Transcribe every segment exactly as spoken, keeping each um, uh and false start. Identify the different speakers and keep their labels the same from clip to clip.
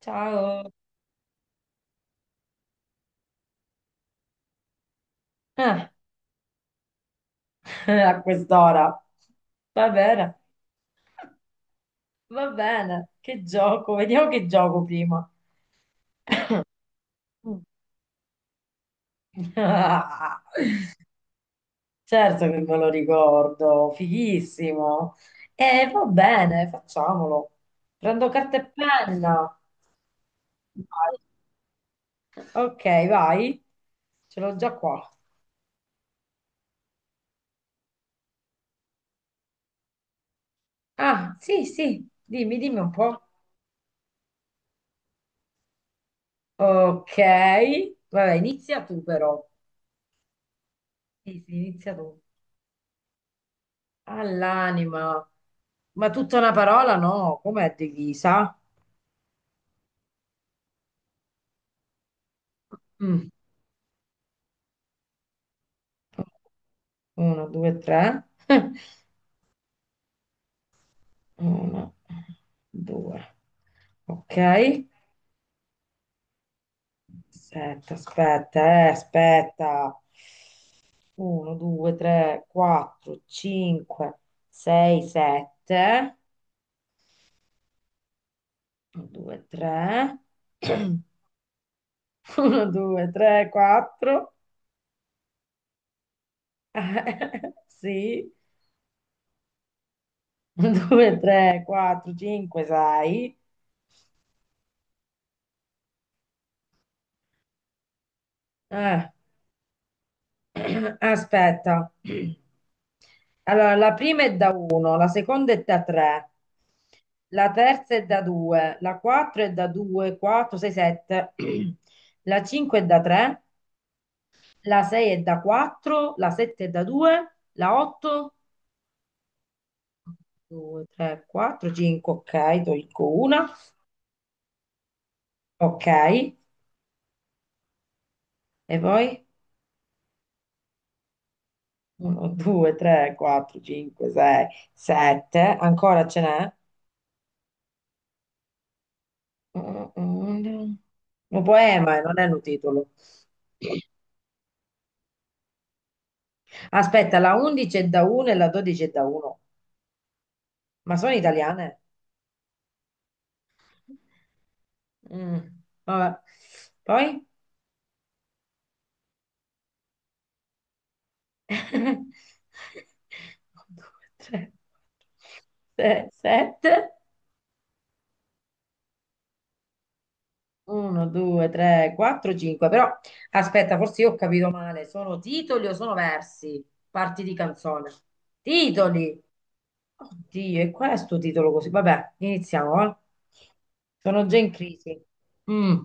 Speaker 1: Ciao. Ah, a quest'ora. Va bene, va bene. Che gioco? Vediamo che gioco prima. Mm. Ah, certo che me lo ricordo, fighissimo. E va bene, facciamolo. Prendo carta e penna. Vai. Ok, vai. Ce l'ho già qua. Ah, sì, sì. Dimmi, dimmi un po'. Ok. Vabbè, inizia tu però. Sì, sì, inizia tu. All'anima. Ma tutta una parola? No, com'è divisa? Mm. Uno, due, tre. Uno, due. Ok. Aspetta, aspetta, eh, aspetta. Uno, due, tre, quattro, cinque, sei, sette. Uno, due, tre. Uno, due, tre, quattro. Sì. Uno, due, tre, quattro, cinque, sei. Eh, aspetta. Allora, la prima è da uno, la seconda è da tre, la terza è da due, la quattro è da due, quattro, sei, sette, la cinque è da tre, la sei è da quattro, la sette è da due, la otto, due, tre, quattro, cinque, ok, tolgo una, ok, e poi uno, due, tre, quattro, cinque, sei, sette, ancora ce n'è? Un un poema, eh, non è un titolo. Aspetta, la undici è da uno e la dodici è da uno. Ma sono italiane? Mm, vabbè. Poi? uno, due, tre, sette. uno, due, tre, quattro, cinque. Però aspetta, forse io ho capito male. Sono titoli o sono versi? Parti di canzone. Titoli. Oddio, e qual è sto titolo così? Vabbè, iniziamo, va? Sono già in crisi. Mm,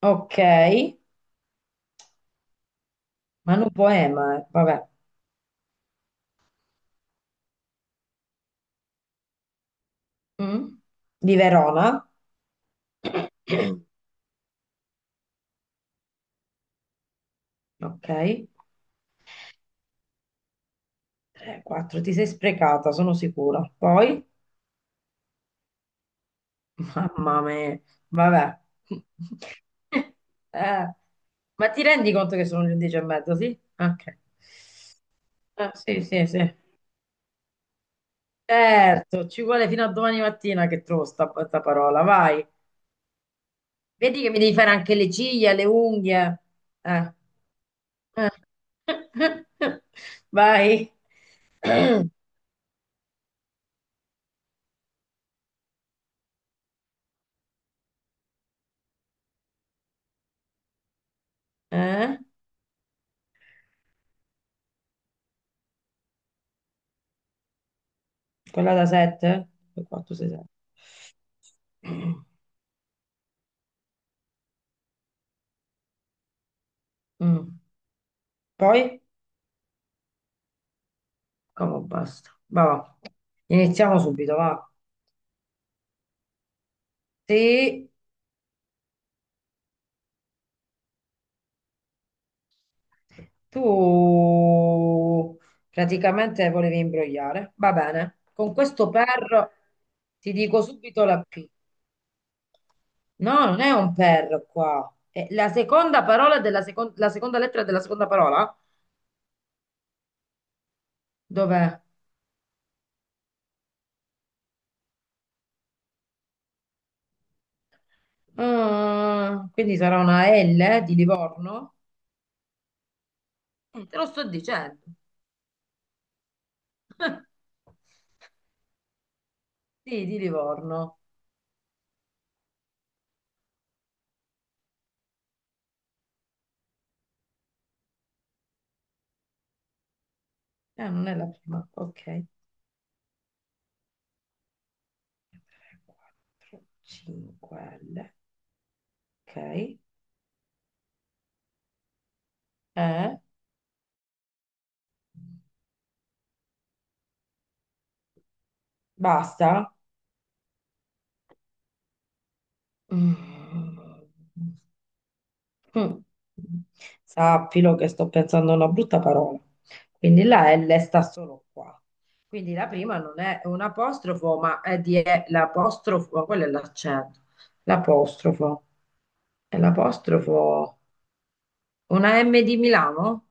Speaker 1: ok, Manu Poema, eh, vabbè. Mm, di Verona, ok. tre, quattro, ti sei sprecata, sono sicura. Poi, mamma mia, vabbè. Eh, ma ti rendi conto che sono le dieci e mezzo, sì? Ok. Eh, sì, sì, sì. Certo, ci vuole fino a domani mattina che trovo sta, sta parola, vai. Vedi che mi devi fare anche le ciglia, le unghie. Eh, eh. Vai. Eh? Quella da sette? quattro, sei, sette. Poi? Come basta. Va, va. Iniziamo subito, va. Sì, tu praticamente volevi imbrogliare. Va bene. Con questo per ti dico subito la P. No, non è un per qua. È la seconda parola della secon- la seconda lettera della seconda parola? Dov'è? Ah, quindi sarà una L eh, di Livorno? Mm. Te lo sto dicendo. Sì, di Livorno. Eh, non è la prima. Ok. tre, quattro, cinque L. Ok. Eh, basta. Mm. Mm. Sappilo che sto pensando a una brutta parola. Quindi la L sta solo qua. Quindi la prima non è un apostrofo, ma è di è l'apostrofo, ma quello è l'accento. L'apostrofo. È l'apostrofo. Una M di Milano?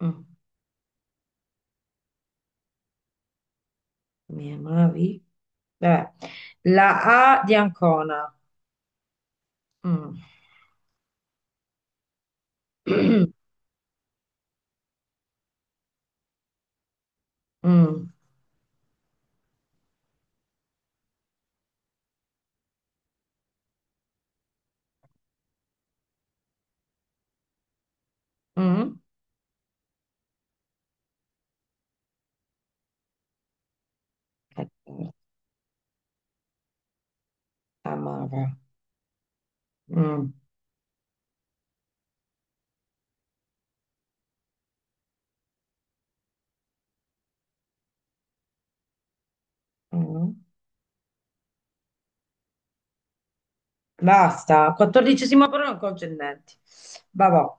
Speaker 1: Mm. Mi amavi? Vabbè. La A di Ancona. Mm. Mm. Mm. Ecco, amava. Mm. Mm. Basta, quattordicesima parola non concernenti. Vabbò.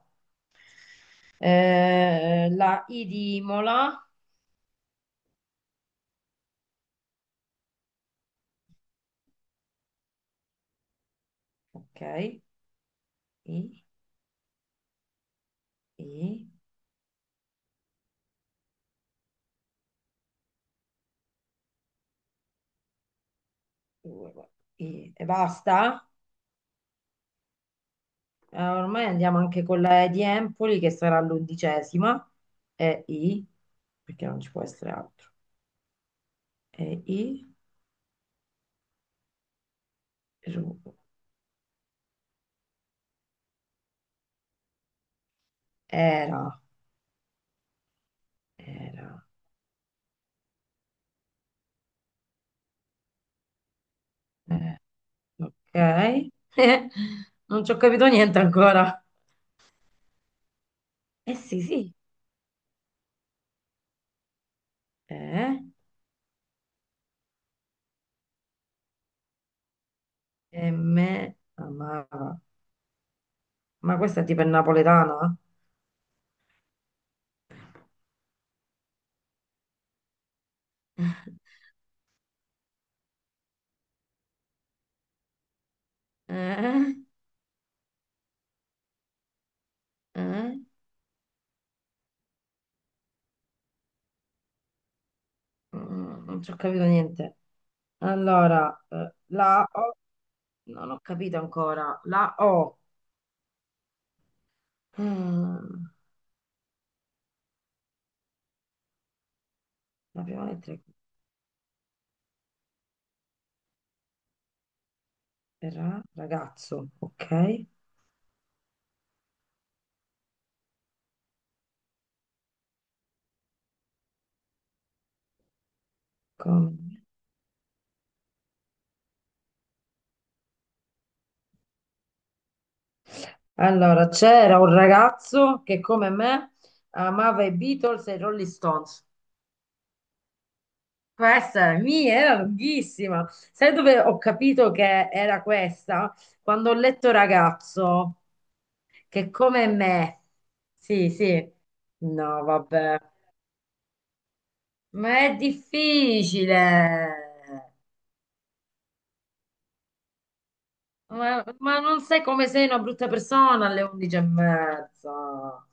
Speaker 1: Eh, la I di Imola. Ok. I, I, I. E basta. Eh, ormai andiamo anche con la E di Empoli che sarà l'undicesima. E I, perché non ci può essere altro. E I, Ru- era, era. Eh, ok. Non ci ho capito niente ancora. Eh sì, sì. Eh. E me amava. Ma questa è tipo è napoletana? Eh? Eh? Mm, non ci ho capito niente. Allora, eh, la O, no, non ho capito ancora. La O, mm, la prima lettera è Ra, ragazzo, ok? Come- Allora, c'era un ragazzo che come me amava i Beatles e i Rolling Stones. Questa mi era lunghissima. Sai dove ho capito che era questa? Quando ho letto ragazzo, che come me. Sì, sì. No, vabbè. Ma è difficile. Ma, ma non sai come sei una brutta persona alle undici e mezza.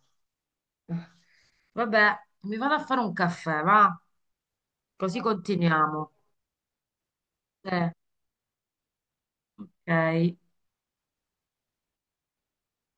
Speaker 1: Vabbè, mi vado a fare un caffè, va? Così continuiamo. Eh, ok.